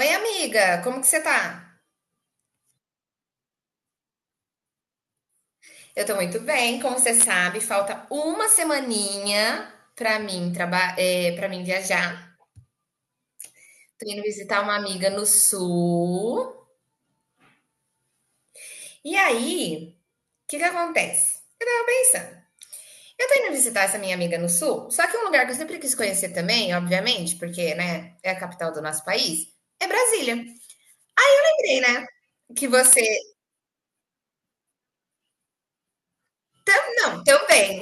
Oi, amiga, como que você tá? Eu tô muito bem, como você sabe, falta uma semaninha pra mim para mim viajar. Tô indo visitar uma amiga no sul. E aí, o que que acontece? Eu tava pensando, eu tô indo visitar essa minha amiga no sul, só que um lugar que eu sempre quis conhecer também, obviamente, porque, né, é a capital do nosso país, é Brasília. Lembrei, né? Que você. Não, também,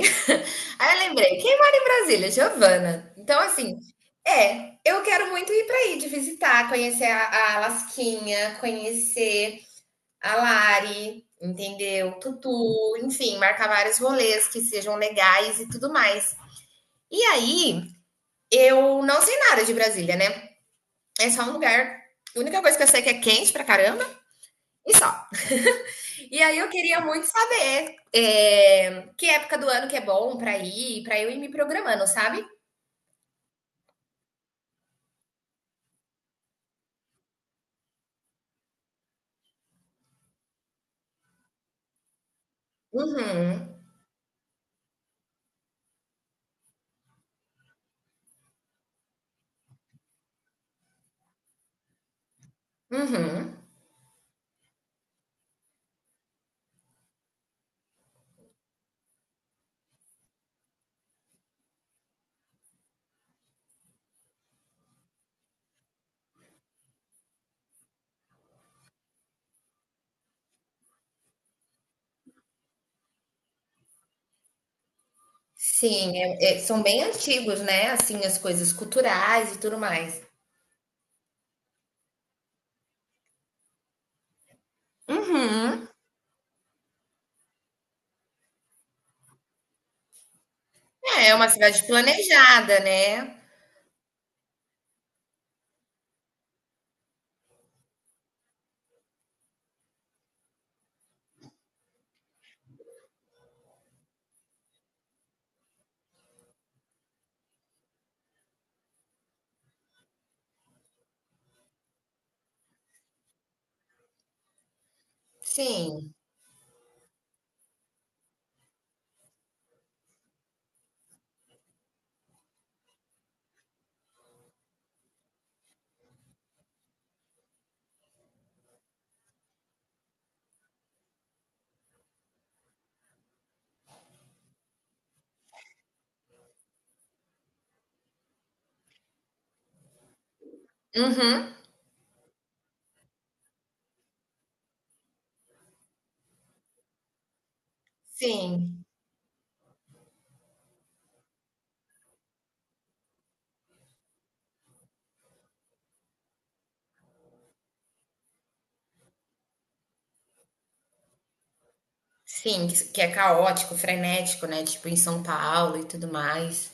aí eu lembrei, quem mora em Brasília? Giovana. Então, assim, é, eu quero muito ir para aí, de visitar, conhecer a Lasquinha, conhecer a Lari, entendeu? Tutu, enfim, marcar vários rolês que sejam legais e tudo mais. E aí, eu não sei nada de Brasília, né? É só um lugar. A única coisa que eu sei é que é quente pra caramba e só. E aí eu queria muito saber que época do ano que é bom pra ir, pra eu ir me programando, sabe? Uhum. Uhum. Sim, é são bem antigos, né, assim, as coisas culturais e tudo mais. Uhum. É, é uma cidade planejada, né. Sim. Uhum. Sim. Sim, que é caótico, frenético, né, tipo em São Paulo e tudo mais.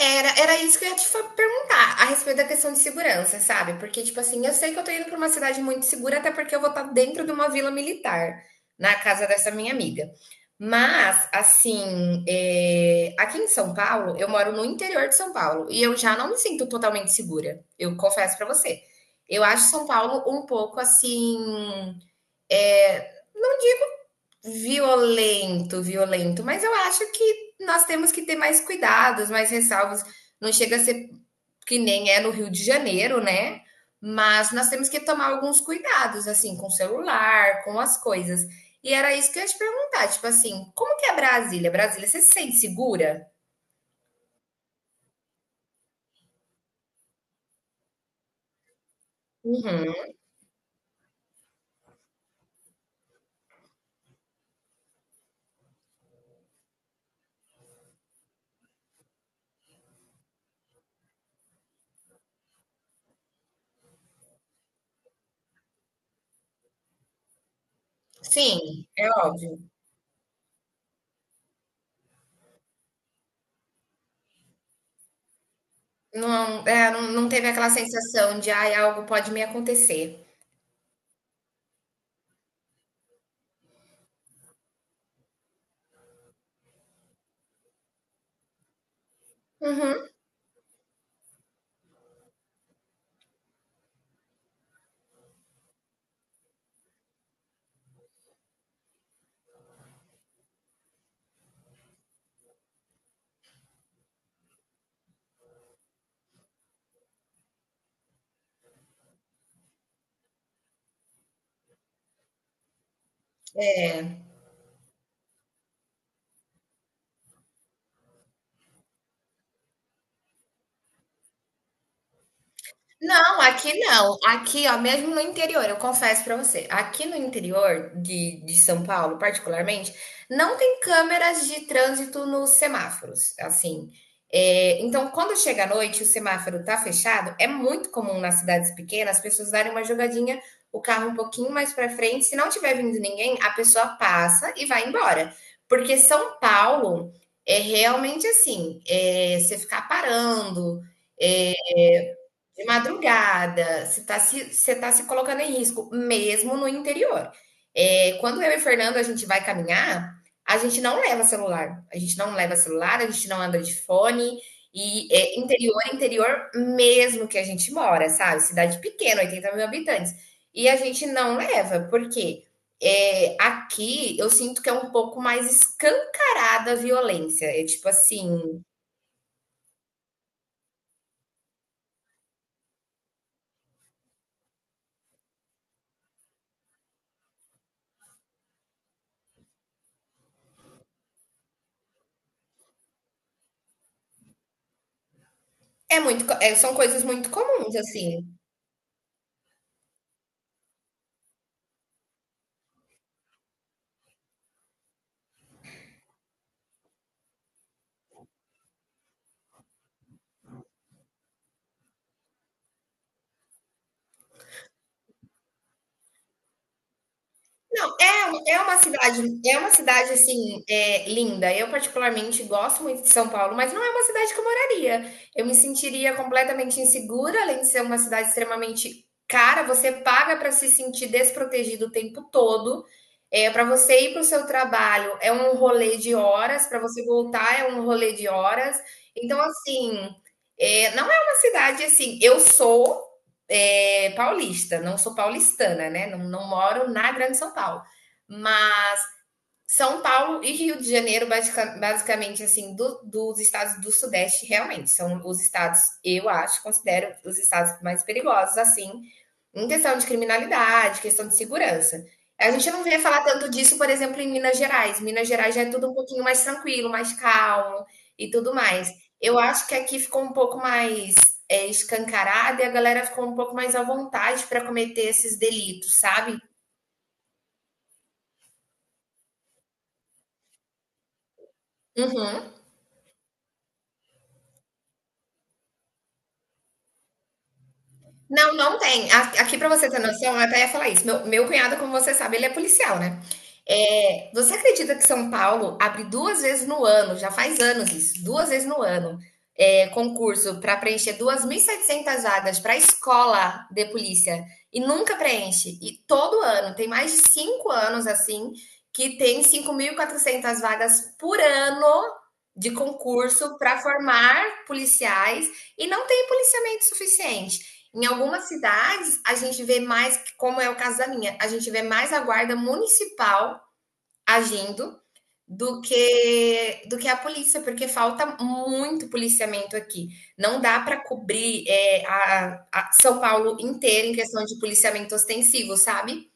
Era isso que eu ia perguntar a respeito da questão de segurança, sabe? Porque, tipo assim, eu sei que eu tô indo pra uma cidade muito segura, até porque eu vou estar dentro de uma vila militar, na casa dessa minha amiga. Mas, assim, aqui em São Paulo, eu moro no interior de São Paulo e eu já não me sinto totalmente segura, eu confesso pra você. Eu acho São Paulo um pouco assim, violento, violento, mas eu acho que nós temos que ter mais cuidados, mais ressalvas. Não chega a ser que nem é no Rio de Janeiro, né? Mas nós temos que tomar alguns cuidados, assim, com o celular, com as coisas. E era isso que eu ia te perguntar, tipo assim, como que é Brasília? Brasília, você se sente segura? Uhum. Sim, é óbvio. Não, é, não, não teve aquela sensação de, ai, algo pode me acontecer. Uhum. Não, aqui não. Aqui, ó, mesmo no interior, eu confesso pra você, aqui no interior de São Paulo, particularmente, não tem câmeras de trânsito nos semáforos, assim. É, então, quando chega à noite e o semáforo tá fechado, é muito comum nas cidades pequenas as pessoas darem uma jogadinha, o carro um pouquinho mais pra frente. Se não tiver vindo ninguém, a pessoa passa e vai embora. Porque São Paulo é realmente assim, você ficar parando é, de madrugada, você tá se colocando em risco, mesmo no interior. É, quando eu e o Fernando a gente vai caminhar, a gente não leva celular. A gente não leva celular, a gente não anda de fone. E é, interior mesmo que a gente mora, sabe? Cidade pequena, 80 mil habitantes. E a gente não leva, porque é, aqui eu sinto que é um pouco mais escancarada a violência. É tipo assim, são coisas muito comuns, assim. Não, é, é uma cidade assim, é, linda. Eu particularmente gosto muito de São Paulo, mas não é uma cidade que eu moraria. Eu me sentiria completamente insegura, além de ser uma cidade extremamente cara, você paga para se sentir desprotegido o tempo todo. É, para você ir para o seu trabalho é um rolê de horas, para você voltar é um rolê de horas. Então, assim, é, não é uma cidade assim. Eu sou é, paulista, não sou paulistana, né? Não, não moro na Grande São Paulo. Mas São Paulo e Rio de Janeiro, basicamente, assim, dos estados do Sudeste, realmente, são os estados, eu acho, considero os estados mais perigosos, assim, em questão de criminalidade, questão de segurança. A gente não vê falar tanto disso, por exemplo, em Minas Gerais. Minas Gerais já é tudo um pouquinho mais tranquilo, mais calmo e tudo mais. Eu acho que aqui ficou um pouco mais é, escancarado e a galera ficou um pouco mais à vontade para cometer esses delitos, sabe? Uhum. Não, não tem. A aqui para você ter noção, eu até ia falar isso, meu cunhado, como você sabe, ele é policial, né. Você acredita que São Paulo abre duas vezes no ano, já faz anos isso, duas vezes no ano, concurso para preencher 2.700 vagas para escola de polícia e nunca preenche? E todo ano, tem mais de 5 anos, assim, que tem 5.400 vagas por ano de concurso para formar policiais e não tem policiamento suficiente. Em algumas cidades, a gente vê mais, como é o caso da minha, a gente vê mais a guarda municipal agindo do que a polícia, porque falta muito policiamento aqui. Não dá para cobrir a São Paulo inteira em questão de policiamento ostensivo, sabe?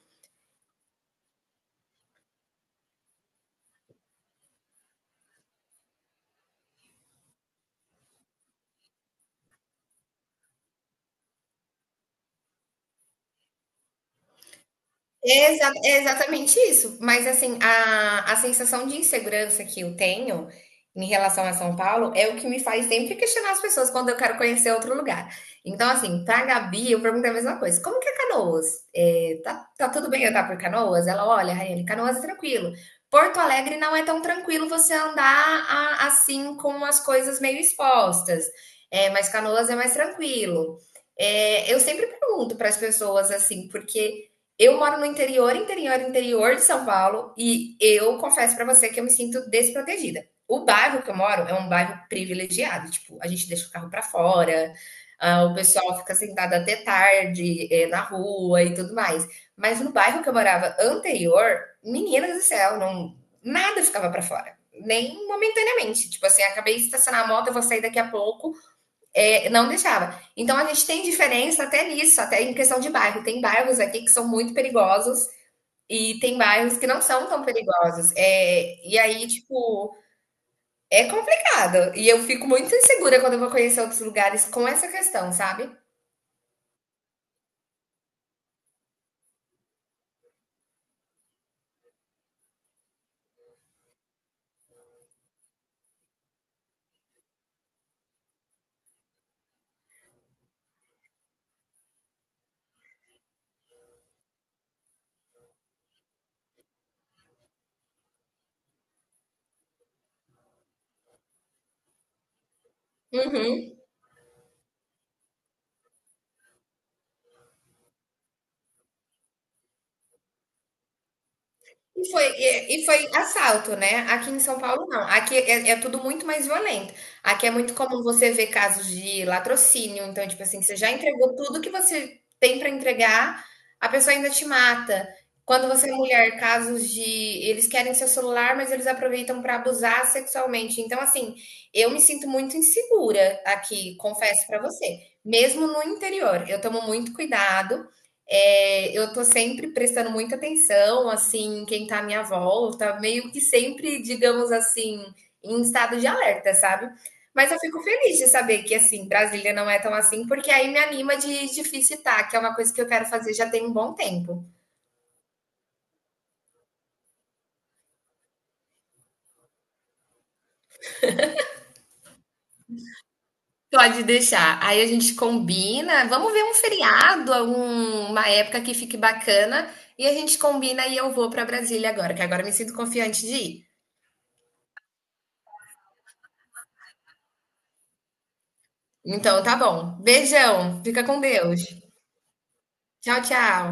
Exatamente isso. Mas assim, a sensação de insegurança que eu tenho em relação a São Paulo é o que me faz sempre questionar as pessoas quando eu quero conhecer outro lugar. Então, assim, pra Gabi, eu pergunto a mesma coisa: "Como que é Canoas? Tá tudo bem andar por Canoas?" Ela: "Olha, Raiane, Canoas é tranquilo. Porto Alegre não é tão tranquilo você andar a assim com as coisas meio expostas, é mas Canoas é mais tranquilo". Eu sempre pergunto para as pessoas assim, porque eu moro no interior de São Paulo e eu confesso para você que eu me sinto desprotegida. O bairro que eu moro é um bairro privilegiado, tipo, a gente deixa o carro para fora, ah, o pessoal fica sentado até tarde, na rua e tudo mais. Mas no bairro que eu morava anterior, meninas do céu, não, nada ficava para fora, nem momentaneamente. Tipo assim, acabei de estacionar a moto, eu vou sair daqui a pouco, não deixava. Então a gente tem diferença até nisso, até em questão de bairro. Tem bairros aqui que são muito perigosos e tem bairros que não são tão perigosos. É, e aí, tipo, é complicado. E eu fico muito insegura quando eu vou conhecer outros lugares com essa questão, sabe? Uhum. E foi assalto, né. Aqui em São Paulo não, aqui é tudo muito mais violento. Aqui é muito comum você ver casos de latrocínio, então, tipo assim, você já entregou tudo que você tem para entregar, a pessoa ainda te mata. Quando você é mulher, casos de eles querem seu celular, mas eles aproveitam para abusar sexualmente. Então, assim, eu me sinto muito insegura aqui, confesso para você, mesmo no interior. Eu tomo muito cuidado, eu tô sempre prestando muita atenção, assim, em quem tá à minha volta, meio que sempre, digamos assim, em estado de alerta, sabe. Mas eu fico feliz de saber que, assim, Brasília não é tão assim, porque aí me anima de visitar, que é uma coisa que eu quero fazer já tem um bom tempo. Pode deixar. Aí a gente combina, vamos ver um feriado, uma época que fique bacana, e a gente combina e eu vou pra Brasília agora, que agora eu me sinto confiante de ir. Então tá bom. Beijão, fica com Deus. Tchau, tchau.